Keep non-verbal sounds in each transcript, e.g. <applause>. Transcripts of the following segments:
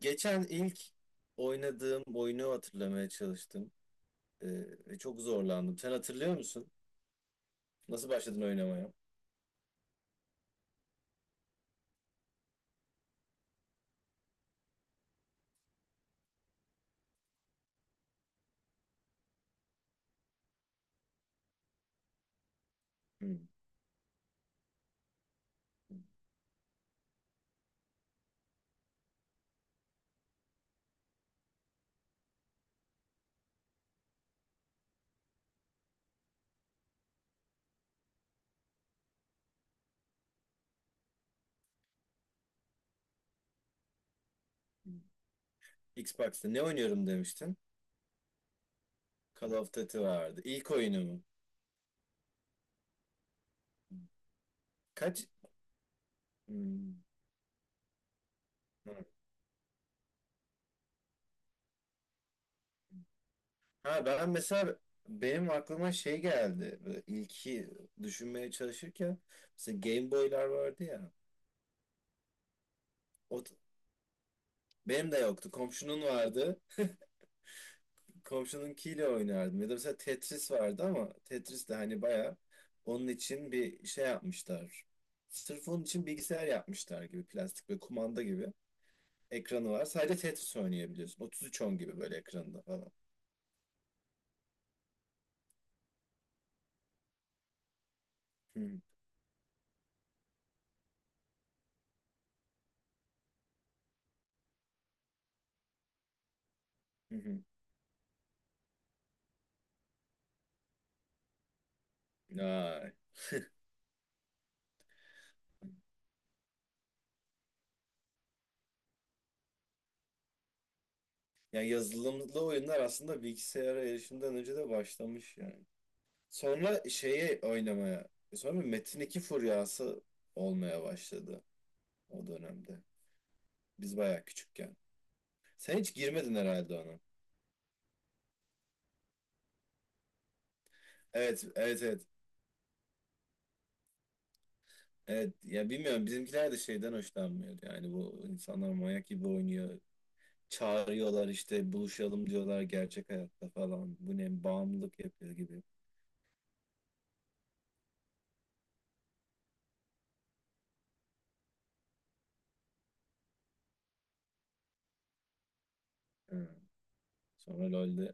Geçen ilk oynadığım oyunu hatırlamaya çalıştım. Ee, ve çok zorlandım. Sen hatırlıyor musun? Nasıl başladın oynamaya? Hmm. Xbox'ta ne oynuyorum demiştin? Call of Duty vardı. İlk oyunu mu? Kaç? Hmm. Ha, ben mesela benim aklıma şey geldi. Böyle ilki düşünmeye çalışırken mesela Game Boy'lar vardı ya. O, benim de yoktu. Komşunun vardı. <laughs> Komşununkiyle oynardım. Ya da mesela Tetris vardı ama Tetris de hani bayağı onun için bir şey yapmışlar. Sırf onun için bilgisayar yapmışlar gibi plastik ve kumanda gibi ekranı var. Sadece Tetris oynayabiliyorsun. Otuz üç on gibi böyle ekranında falan. Hı hı hı. Ay. Yani yazılımlı oyunlar aslında bilgisayara erişimden önce de başlamış yani. Sonra şeye oynamaya, sonra Metin 2 furyası olmaya başladı o dönemde. Biz bayağı küçükken. Sen hiç girmedin herhalde ona. Evet, evet, evet. Evet, ya bilmiyorum bizimkiler de şeyden hoşlanmıyor. Yani bu insanlar manyak gibi oynuyor. Çağırıyorlar işte buluşalım diyorlar gerçek hayatta falan. Bu ne bağımlılık yapıyor gibi. Hı. Sonra LoL'de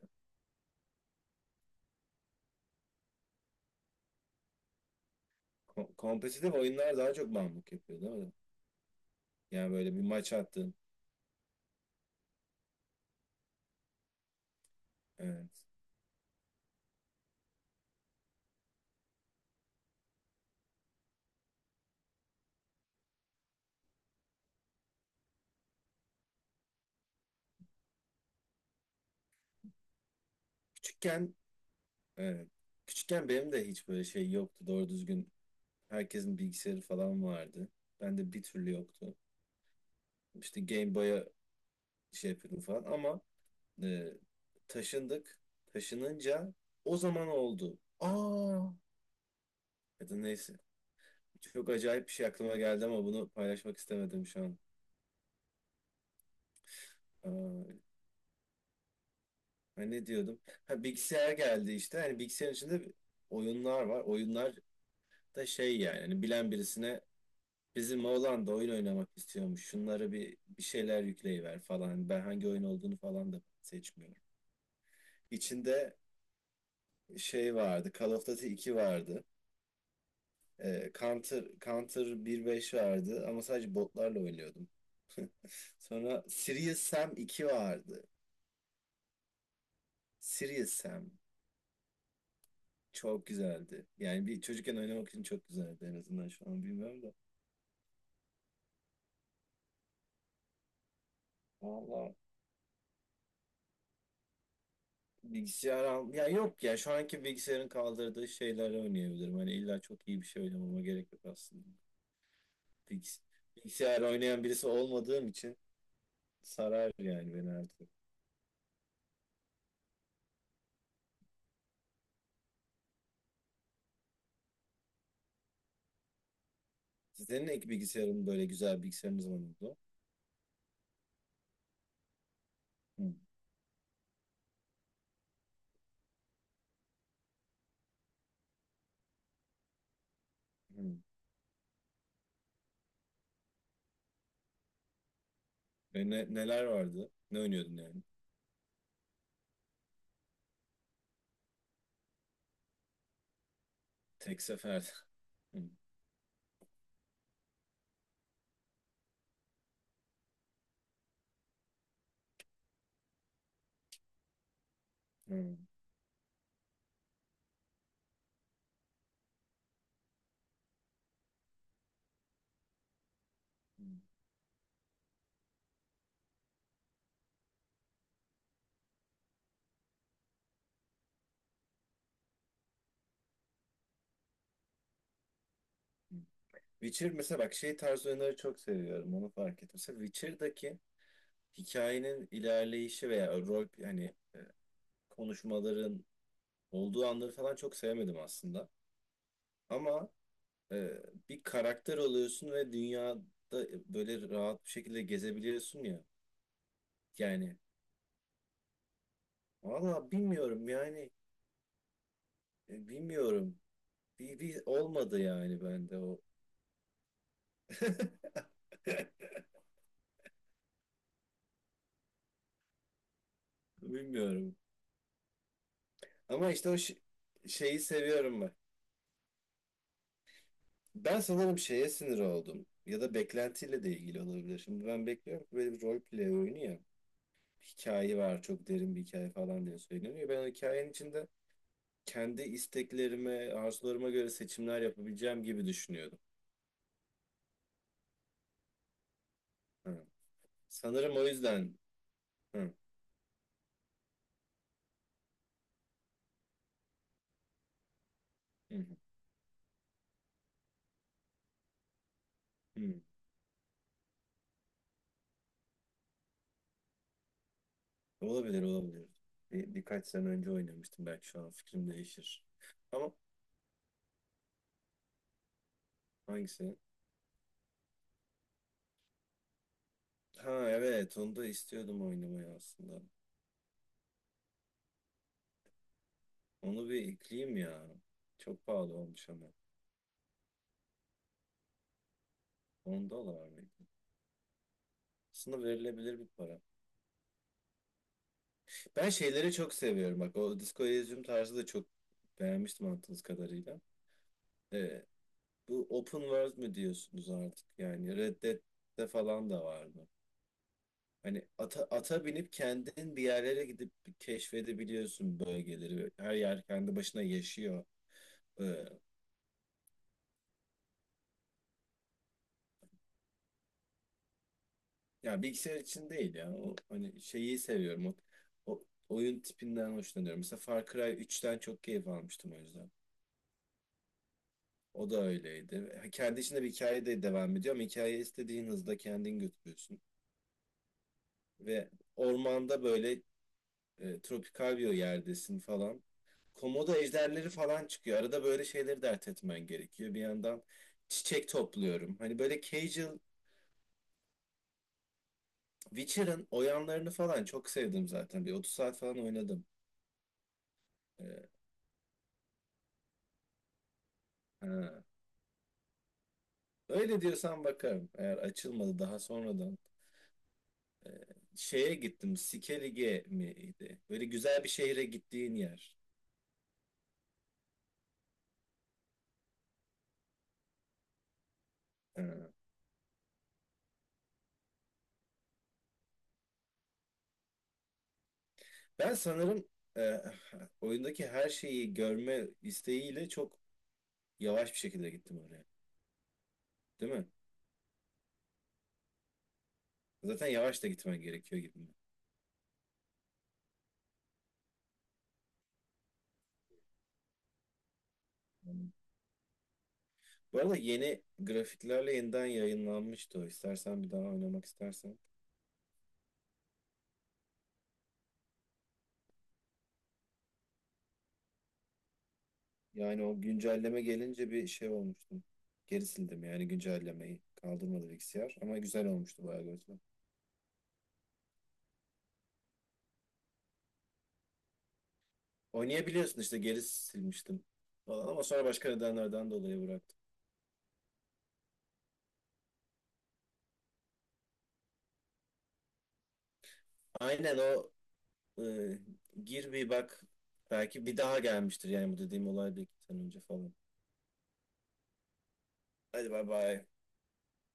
kompetitif oyunlar daha çok bağımlılık yapıyor değil mi? Yani böyle bir maç attın. Evet. Küçükken evet. Küçükken benim de hiç böyle şey yoktu doğru düzgün. Herkesin bilgisayarı falan vardı. Bende bir türlü yoktu. İşte Game Boy'a şey yapıyordum falan ama E, taşındık. Taşınınca o zaman oldu. Aa. Ya da neyse. Çok acayip bir şey aklıma geldi ama bunu paylaşmak istemedim şu an. Aa, ben ne diyordum? Ha, bilgisayar geldi işte. Hani bilgisayarın içinde oyunlar var. Oyunlar da şey yani. Hani bilen birisine bizim oğlan da oyun oynamak istiyormuş. Şunlara bir şeyler yükleyiver falan. Hani ben hangi oyun olduğunu falan da seçmiyorum. İçinde şey vardı. Call of Duty 2 vardı. Counter 1.5 vardı ama sadece botlarla oynuyordum. <laughs> Sonra Serious Sam 2 vardı. Serious Sam çok güzeldi. Yani bir çocukken oynamak için çok güzeldi en azından şu an bilmiyorum da. Valla bilgisayar al... Ya yok ya şu anki bilgisayarın kaldırdığı şeyleri oynayabilirim. Hani illa çok iyi bir şey oynamama gerek yok aslında. Bilgis bilgisayar oynayan birisi olmadığım için sarar yani beni artık. Sizin ek bilgisayarın böyle güzel bilgisayarınız var mıydı? Hı. Hı. Neler vardı? Ne oynuyordun yani? Tek seferde. <laughs> Hı, hı, hı. Witcher mesela bak şey tarz oyunları çok seviyorum onu fark ettim. Mesela Witcher'daki hikayenin ilerleyişi veya rol hani konuşmaların olduğu anları falan çok sevmedim aslında. Ama e, bir karakter oluyorsun ve dünyada böyle rahat bir şekilde gezebiliyorsun ya. Yani valla bilmiyorum yani bilmiyorum. Bir olmadı yani bende o. <laughs> Bilmiyorum. Ama işte o şeyi seviyorum ben. Ben sanırım şeye sinir oldum. Ya da beklentiyle de ilgili olabilir. Şimdi ben bekliyorum ki böyle bir rol play oyunu ya. Hikaye var, çok derin bir hikaye falan diye söyleniyor. Ben o hikayenin içinde kendi isteklerime, arzularıma göre seçimler yapabileceğim gibi düşünüyordum. Hı. Sanırım o yüzden. Hı. Hı. Hı, hı. Olabilir, olabilir. Birkaç sene önce oynamıştım. Belki şu an fikrim değişir. Ama hangisi? Ha, evet onu da istiyordum oynamayı aslında. Onu bir ekleyeyim ya. Çok pahalı olmuş ama. 10 dolar mıydı? Aslında verilebilir bir para. Ben şeyleri çok seviyorum. Bak o Disco Elysium tarzı da çok beğenmiştim anladığınız kadarıyla. Ee, bu open world mü diyorsunuz artık? Yani Red Dead'de falan da vardı. Hani ata binip kendin bir yerlere gidip keşfedebiliyorsun bölgeleri. Her yer kendi başına yaşıyor. Ee, Ya bilgisayar için değil ya. O, hani şeyi seviyorum. O oyun tipinden hoşlanıyorum. Mesela Far Cry 3'ten çok keyif almıştım o yüzden. O da öyleydi. Ha, kendi içinde bir hikaye de devam ediyor ama hikayeyi istediğin hızda kendin götürüyorsun. Ve ormanda böyle tropikal bir yerdesin falan. Komodo ejderleri falan çıkıyor. Arada böyle şeyleri dert etmen gerekiyor. Bir yandan çiçek topluyorum. Hani böyle casual Witcher'ın oyanlarını falan çok sevdim zaten. Bir 30 saat falan oynadım. E, Ha. Öyle diyorsan bakarım. Eğer açılmadı daha sonradan. Ee, şeye gittim. Sikelige miydi? Böyle güzel bir şehre gittiğin yer. Ee, ben sanırım e, <sighs> oyundaki her şeyi görme isteğiyle çok yavaş bir şekilde gittim oraya. Değil mi? Zaten yavaş da gitmen gerekiyor gibi. Yani. Bu arada yeni grafiklerle yeniden yayınlanmıştı o. İstersen bir daha oynamak istersen. Yani o güncelleme gelince bir şey olmuştum. Geri sildim yani güncellemeyi. Kaldırmadı bilgisayar ama güzel olmuştu bayağı görsel. Oynayabiliyorsun işte geri silmiştim falan ama sonra başka nedenlerden dolayı bıraktım. Aynen o e, gir bir bak belki bir daha gelmiştir yani bu dediğim olay bir iki sene önce falan. Hadi bay bay.